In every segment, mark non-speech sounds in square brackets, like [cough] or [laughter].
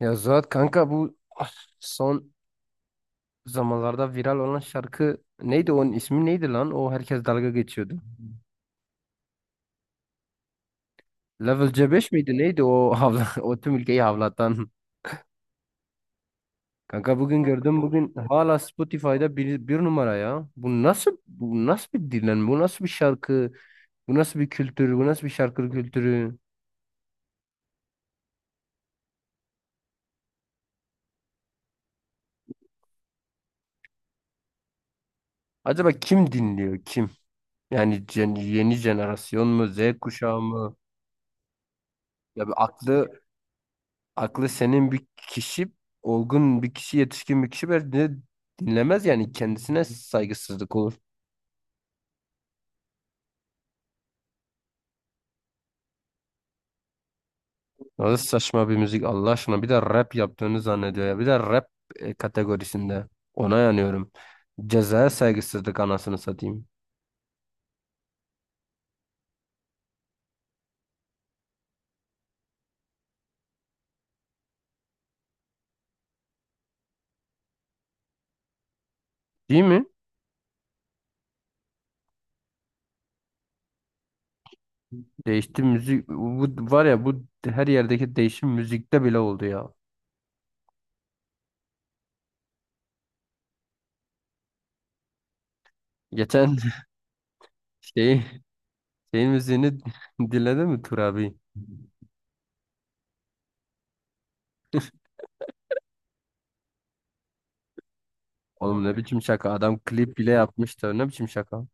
Ya Zuhat kanka son zamanlarda viral olan şarkı neydi, onun ismi neydi lan? O herkes dalga geçiyordu. Level C5 miydi neydi o havla [laughs] o tüm ülkeyi havlatan. Kanka bugün gördüm, bugün hala Spotify'da bir numara ya. Bu nasıl bir dinlenme? Bu nasıl bir şarkı? Bu nasıl bir kültür? Bu nasıl bir şarkı kültürü? Acaba kim dinliyor, kim? Yani yeni jenerasyon mu? Z kuşağı mı? Ya bir aklı senin bir kişi, olgun bir kişi, yetişkin bir kişi bence dinlemez, yani kendisine saygısızlık olur. Nasıl saçma bir müzik Allah aşkına, bir de rap yaptığını zannediyor ya. Bir de rap kategorisinde. Ona yanıyorum. Cezaya saygısızlık, anasını satayım. Değil mi? Değişti müzik. Bu var ya, bu her yerdeki değişim müzikte bile oldu ya. Geçen [laughs] şeyi şeyin müziğini [laughs] dinledin mi Tur abi? Oğlum, ne biçim şaka. Adam klip bile yapmıştı. Ne biçim şaka.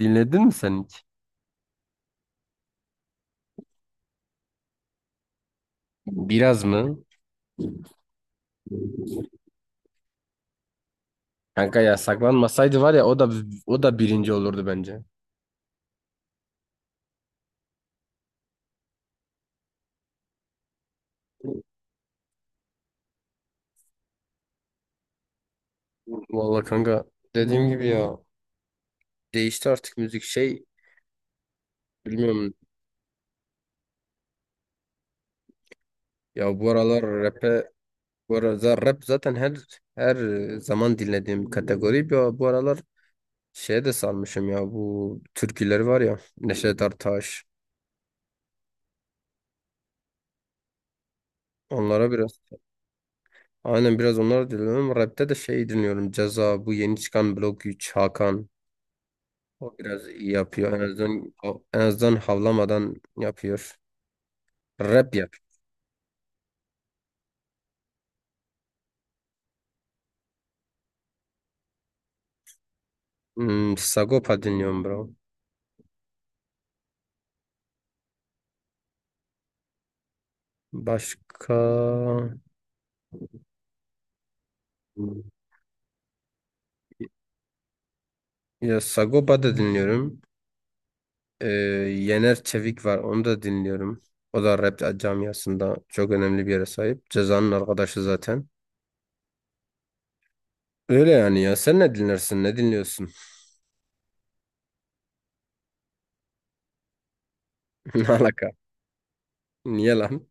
Dinledin mi sen hiç? Biraz mı? Kanka ya, saklanmasaydı var ya, o da birinci olurdu bence. Vallahi kanka, dediğim gibi ya, değişti artık müzik, şey bilmiyorum ya, bu aralar rap'e, bu aralar rap zaten her zaman dinlediğim kategori ya. Bu aralar şeye de sarmışım ya, bu türküleri var ya, Neşet Ertaş, onlara biraz, aynen, biraz onlara dinliyorum. Rap'te de şey dinliyorum, Ceza, bu yeni çıkan Blok 3, Hakan. O biraz iyi yapıyor. En azından, en azından havlamadan yapıyor. Rap yap. Sagopa dinliyorum bro. Başka... Hmm, ya Sagopa da dinliyorum. Ee, Yener Çevik var. Onu da dinliyorum. O da rap camiasında çok önemli bir yere sahip. Ceza'nın arkadaşı zaten. Öyle yani ya. Sen ne dinlersin? Ne dinliyorsun? [laughs] Ne alaka? Niye lan?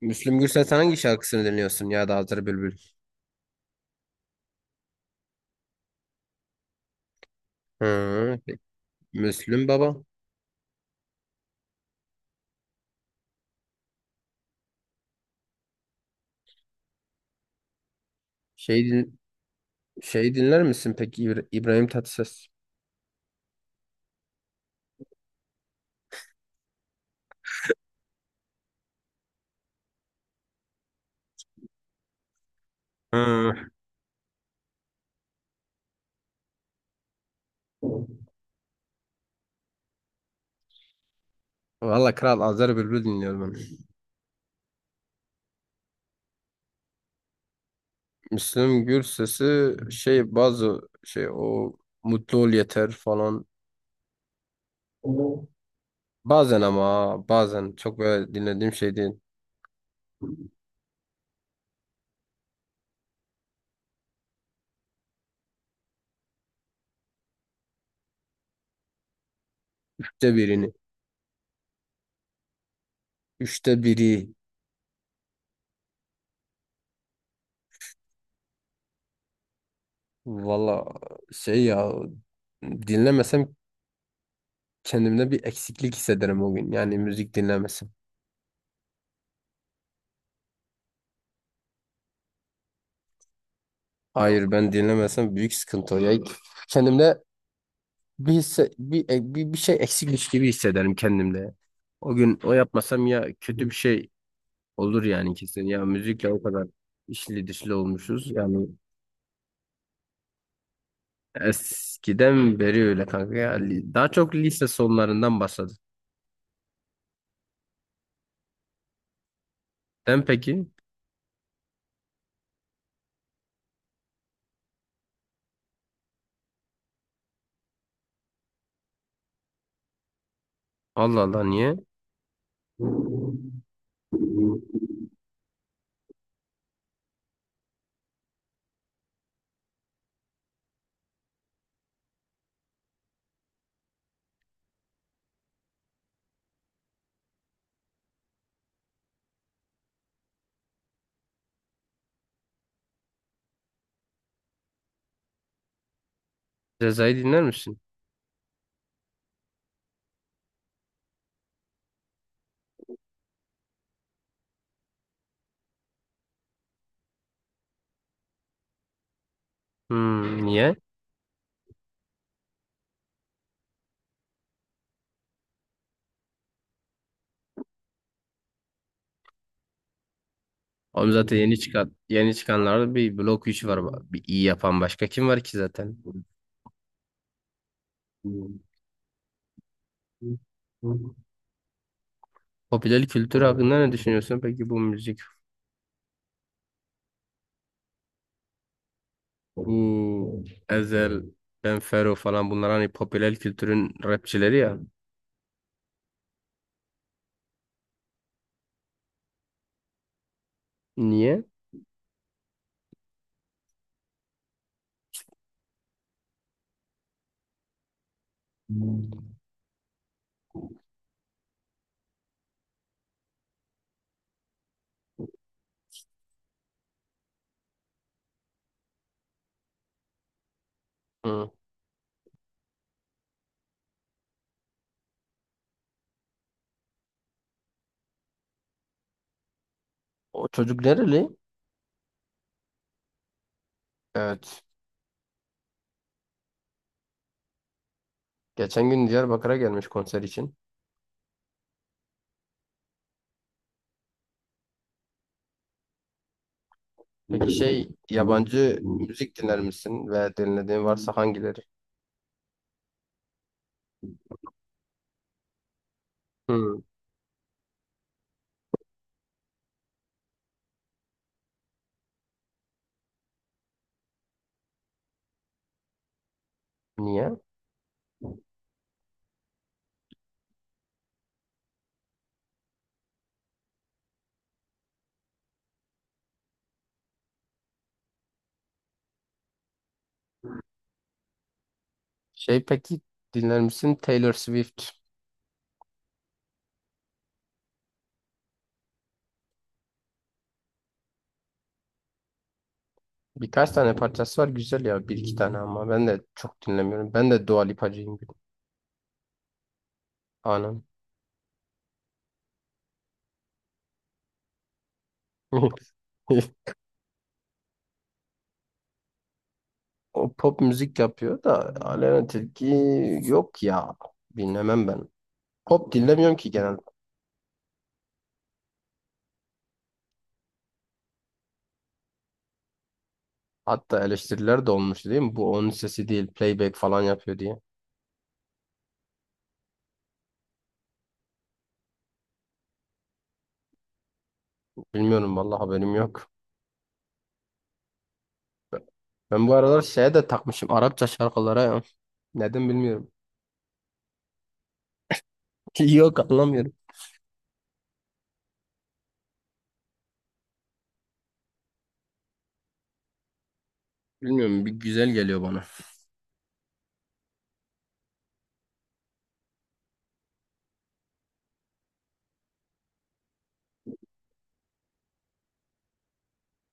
Müslüm Gürses hangi şarkısını dinliyorsun, ya da Hazır Bülbül? Hı, Müslüm baba. Şey din- Şeyi dinler misin peki, İbrahim Tatlıses? Ha, valla Kral Azer Bülbül dinliyorum ben. Müslüm Gürses'i şey, bazı şey, o Mutlu Ol Yeter falan. Bazen ama, bazen çok böyle dinlediğim şey değil. Üçte birini. Üçte biri. Valla şey ya, dinlemesem kendimde bir eksiklik hissederim o gün. Yani müzik dinlemesem. Hayır, ben dinlemesem büyük sıkıntı. O. Ya kendimde bir, hisse- bir, e, bir, bir şey eksikmiş gibi hissederim kendimde. O gün o yapmasam, ya kötü bir şey olur yani kesin. Ya müzikle o kadar işli dişli olmuşuz. Yani eskiden beri öyle kanka ya. Daha çok lise sonlarından başladı. Sen peki? Allah Allah, niye? Ceza'yı dinler misin? Hmm, niye? Oğlum zaten yeni çıkan, yeni çıkanlarda bir blok 3 var. Bir iyi yapan başka kim var ki zaten? Popüler kültür hakkında ne düşünüyorsun peki, bu müzik, bu Ezel, Ben Fero falan, bunlar hani popüler kültürün rapçileri ya. Niye? Hı. O çocuk nereli? Evet. Geçen gün Diyarbakır'a gelmiş konser için. Peki şey, yabancı müzik dinler misin, ve dinlediğin varsa hangileri? Hı. Niye? Şey peki, dinler misin Taylor Swift? Birkaç tane parçası var güzel ya, bir iki tane, ama ben de çok dinlemiyorum. Ben de Dua Lipacıyım. Anam. [laughs] O pop müzik yapıyor da, Aleyna Tilki yok ya. Dinlemem ben. Pop dinlemiyorum ki genel. Hatta eleştiriler de olmuş değil mi? Bu onun sesi değil, playback falan yapıyor diye. Bilmiyorum vallahi, haberim yok. Ben bu aralar şeye de takmışım, Arapça şarkılara ya. Neden bilmiyorum. [laughs] Yok, anlamıyorum. Bilmiyorum, bir güzel geliyor bana.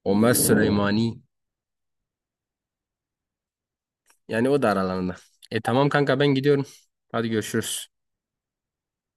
Ömer Süleymani. Yani o da aralarında. E tamam kanka, ben gidiyorum. Hadi görüşürüz.